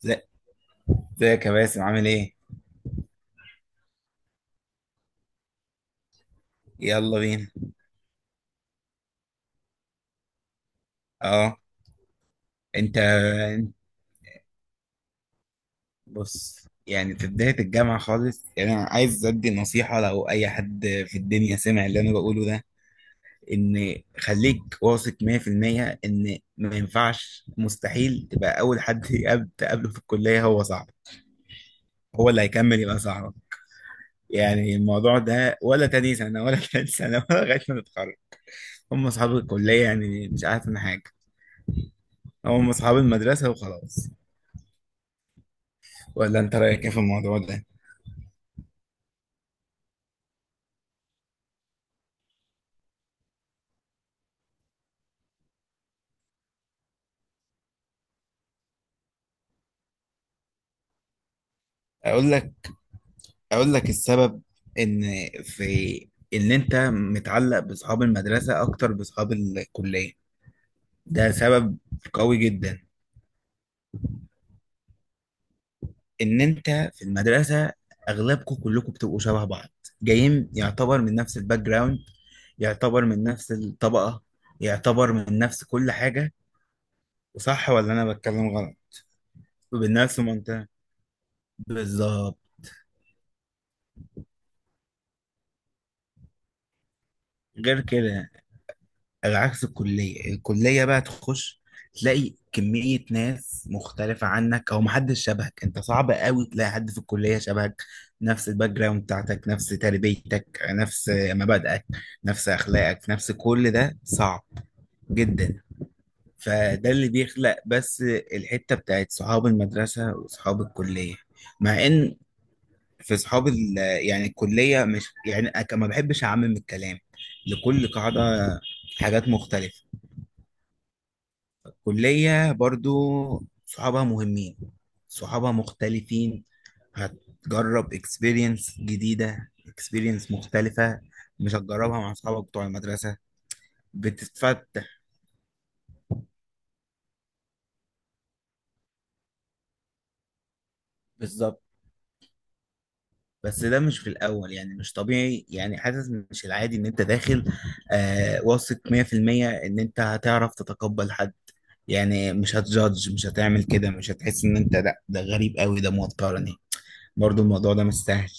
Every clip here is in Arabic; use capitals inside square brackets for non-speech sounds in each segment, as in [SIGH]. زي- ازيك يا باسم، عامل ايه؟ يلا بينا. اه. انت بص، يعني في بداية الجامعة خالص، يعني انا عايز ادي نصيحة، لو اي حد في الدنيا سمع اللي انا بقوله ده، ان خليك واثق 100% ان ما ينفعش، مستحيل تبقى اول حد تقابله في الكلية هو صاحبك. هو اللي هيكمل يبقى صاحبك. يعني الموضوع ده ولا تاني سنة ولا تالت سنة [LAUGHS] ولا لغاية ما تتخرج. هم اصحاب الكلية، يعني مش عارف من حاجة. هم اصحاب المدرسة وخلاص. ولا انت رايك ايه في الموضوع ده؟ اقول لك اقول لك السبب. ان في ان انت متعلق باصحاب المدرسه اكتر باصحاب الكليه. ده سبب قوي جدا. ان انت في المدرسه، اغلبكم كلكم بتبقوا شبه بعض، جايين يعتبر من نفس الباك جراوند، يعتبر من نفس الطبقه، يعتبر من نفس كل حاجه. وصح ولا انا بتكلم غلط؟ ومن نفس المنطقه. بالظبط. غير كده، على عكس الكلية بقى تخش، تلاقي كمية ناس مختلفة عنك أو محدش شبهك. أنت صعب قوي تلاقي حد في الكلية شبهك، نفس الباك جراوند بتاعتك، نفس تربيتك، نفس مبادئك، نفس أخلاقك، نفس كل ده صعب جدا. فده اللي بيخلق بس الحتة بتاعت صحاب المدرسة وصحاب الكلية. مع إن في يعني الكلية مش يعني، ما بحبش أعمم الكلام لكل قاعدة، حاجات مختلفة. كلية برضو صحابها مهمين، صحابها مختلفين، هتجرب اكسبيرينس جديدة، اكسبيرينس مختلفة، مش هتجربها مع صحابك بتوع المدرسة. بتتفتح. بالظبط. بس ده مش في الأول، يعني مش طبيعي، يعني حاسس مش العادي إن أنت داخل واثق 100% إن أنت هتعرف تتقبل حد، يعني مش هتجادج، مش هتعمل كده، مش هتحس إن أنت لا ده غريب قوي ده موترني. برضو الموضوع ده مش سهل.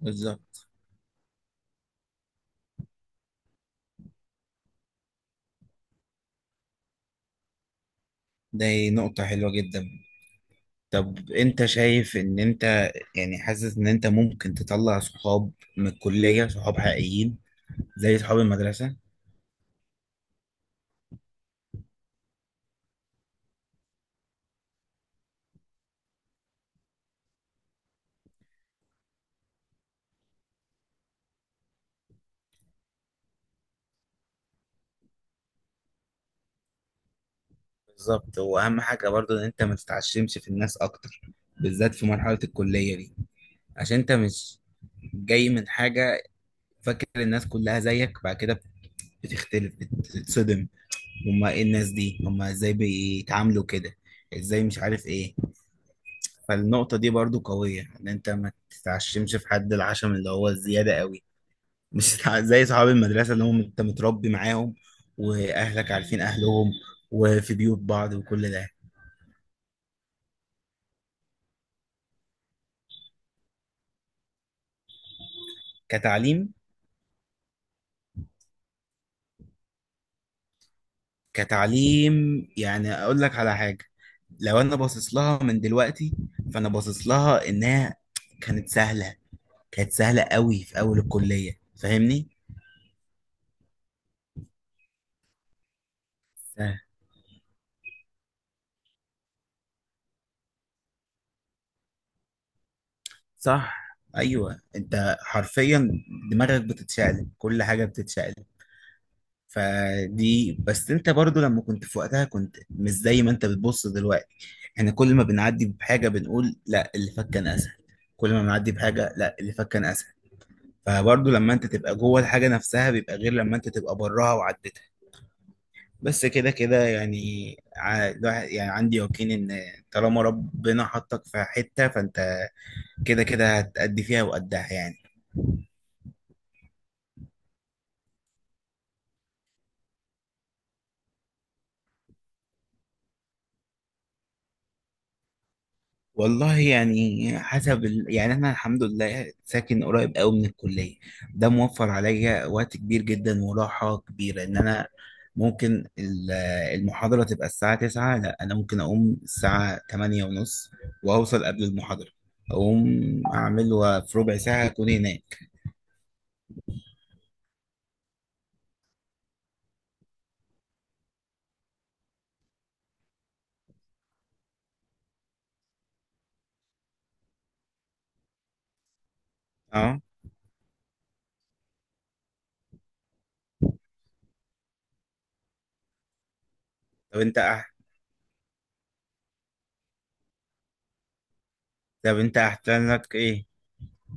بالظبط. دي نقطة حلوة جدا. طب انت شايف ان انت، يعني حاسس ان انت ممكن تطلع صحاب من الكلية، صحاب حقيقيين زي صحاب المدرسة؟ بالظبط. واهم حاجة برضو ان انت ما تتعشمش في الناس اكتر، بالذات في مرحلة الكلية دي، عشان انت مش جاي من حاجة فاكر الناس كلها زيك. بعد كده بتختلف بتتصدم، هما ايه الناس دي، هما ازاي بيتعاملوا كده، ازاي مش عارف ايه. فالنقطة دي برضو قوية، ان انت ما تتعشمش في حد، العشم اللي هو الزيادة قوي. مش تتع- زي صحاب المدرسة اللي هم انت متربي معاهم، واهلك عارفين اهلهم، وفي بيوت بعض، وكل ده. كتعليم كتعليم، يعني اقول لك على حاجة، لو انا باصص لها من دلوقتي، فانا باصص لها انها كانت سهلة. كانت سهلة قوي في اول الكلية، فاهمني؟ سهل. صح. ايوه، انت حرفيا دماغك بتتشقلب، كل حاجة بتتشقلب. فدي بس انت برضو لما كنت في وقتها كنت مش زي ما انت بتبص دلوقتي. احنا كل ما بنعدي بحاجة بنقول لا اللي فات كان اسهل، كل ما بنعدي بحاجة لا اللي فات كان اسهل. فبرضو لما انت تبقى جوه الحاجة نفسها بيبقى غير لما انت تبقى براها وعدتها. بس كده كده، يعني يعني عندي يقين ان طالما ربنا حطك في حتة فانت كده كده هتأدي فيها وقدها يعني. والله يعني حسب يعني انا الحمد لله ساكن قريب قوي من الكليه. ده موفر عليا وقت كبير جدا وراحه كبيره، ان انا ممكن المحاضره تبقى الساعه 9، لا انا ممكن اقوم الساعه 8 ونص، واوصل قبل المحاضره. اقوم اعمل وفي ربع ساعه اكون هناك. اه. طب انت طب انت احسن لك ايه،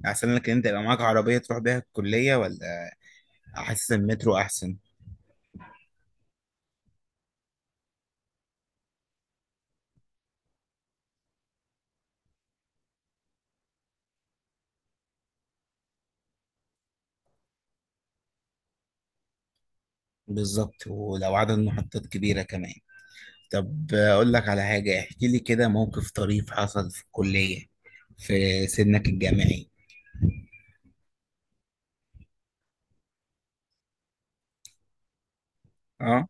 احسن لك ان انت يبقى معاك عربيه تروح بيها الكليه ولا احسن المترو؟ احسن. بالظبط، ولو عدد محطات كبيره كمان. طب أقول لك على حاجة، احكي لي كده موقف طريف حصل في الكلية في سنك الجامعي. اه.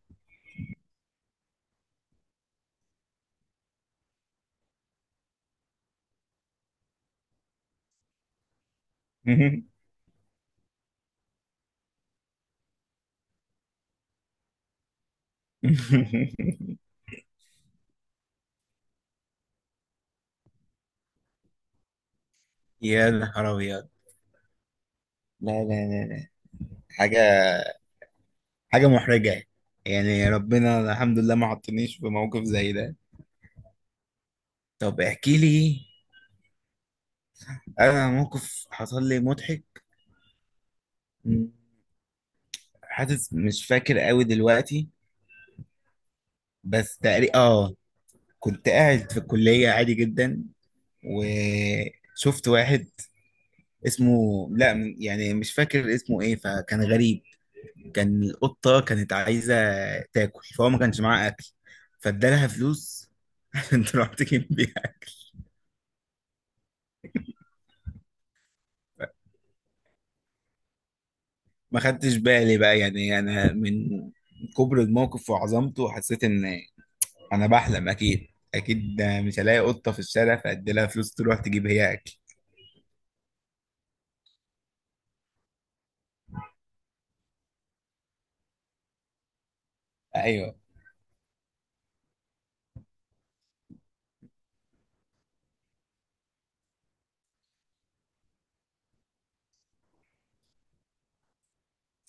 [LAUGHS] يا نهار أبيض! لا لا لا لا. حاجة حاجة محرجة، يعني ربنا الحمد لله ما حطنيش في موقف زي ده. طب احكي لي. أنا موقف حصل لي مضحك. مم. حاسس مش فاكر قوي دلوقتي. بس تقريبا كنت قاعد في الكلية عادي جدا، وشفت واحد اسمه، لا يعني مش فاكر اسمه ايه، فكان غريب. كان القطة كانت عايزة تاكل، فهو ما كانش معاه اكل، فادالها فلوس [LAUGHS] عشان تروح تجيب بيها. ما خدتش بالي بقى، يعني انا من كبر الموقف وعظمته حسيت ان انا بحلم، اكيد. اكيد ده، مش هلاقي قطة في الشارع فادي لها فلوس تروح تجيب هي اكل. ايوه.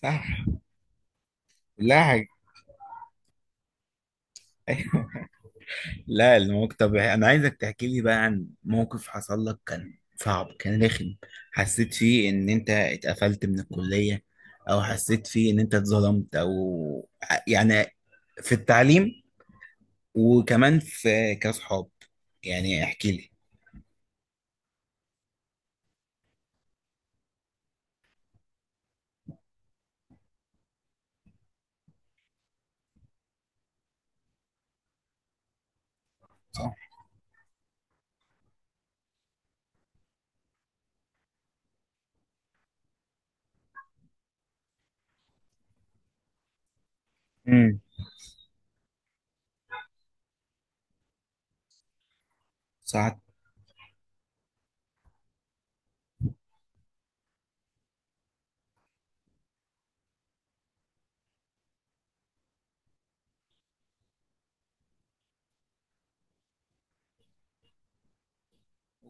صح. لا، حاجة. [LAUGHS] لا الموقف، طب انا عايزك تحكي لي بقى عن موقف حصل لك كان صعب كان رخم، حسيت فيه ان انت اتقفلت من الكلية، او حسيت فيه ان انت اتظلمت او يعني في التعليم، وكمان في كاصحاب، يعني احكي لي. صح. امم. صح.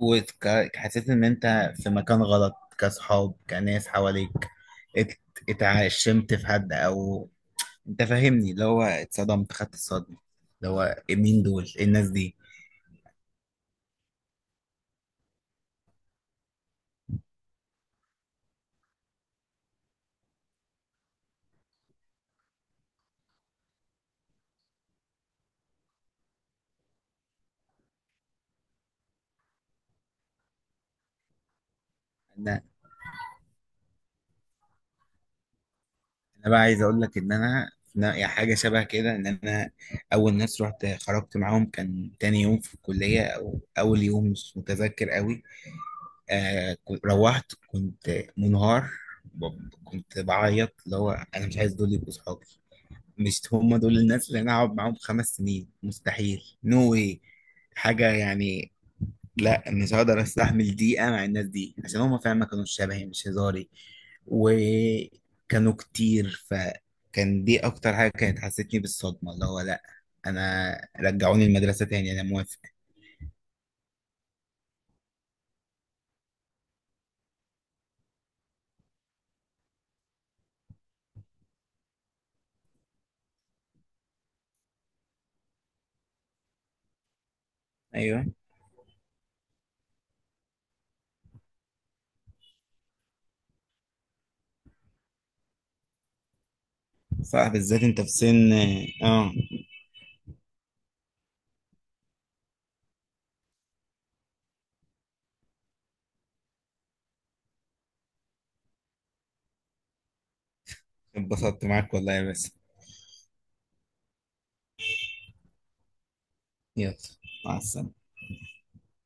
وحسيت ان انت في مكان غلط كاصحاب كناس حواليك؟ ات- اتعشمت في حد، او انت فاهمني اللي هو اتصدمت، خدت الصدمه، اللي هو إيه، مين دول، ايه الناس دي. انا انا بقى عايز اقول لك ان انا، أنا يعني حاجه شبه كده ان انا اول ناس رحت خرجت معاهم كان تاني يوم في الكليه او اول يوم مش متذكر قوي. روحت كنت منهار، كنت بعيط اللي هو انا مش عايز دول يبقوا صحابي، مش هم دول الناس اللي انا هقعد معاهم 5 سنين، مستحيل، نو واي، حاجه يعني. لا مش هقدر استحمل دقيقة مع الناس دي عشان هما فعلا ما كانوش شبهي، مش هزاري، وكانوا كتير. فكان دي اكتر حاجة كانت حسيتني بالصدمة، اللي هو لا، انا رجعوني المدرسة تاني انا موافق. ايوه. صح، بالذات انت في سن. اه. اتبسطت معاك والله يا باسم. يلا. مع السلامة.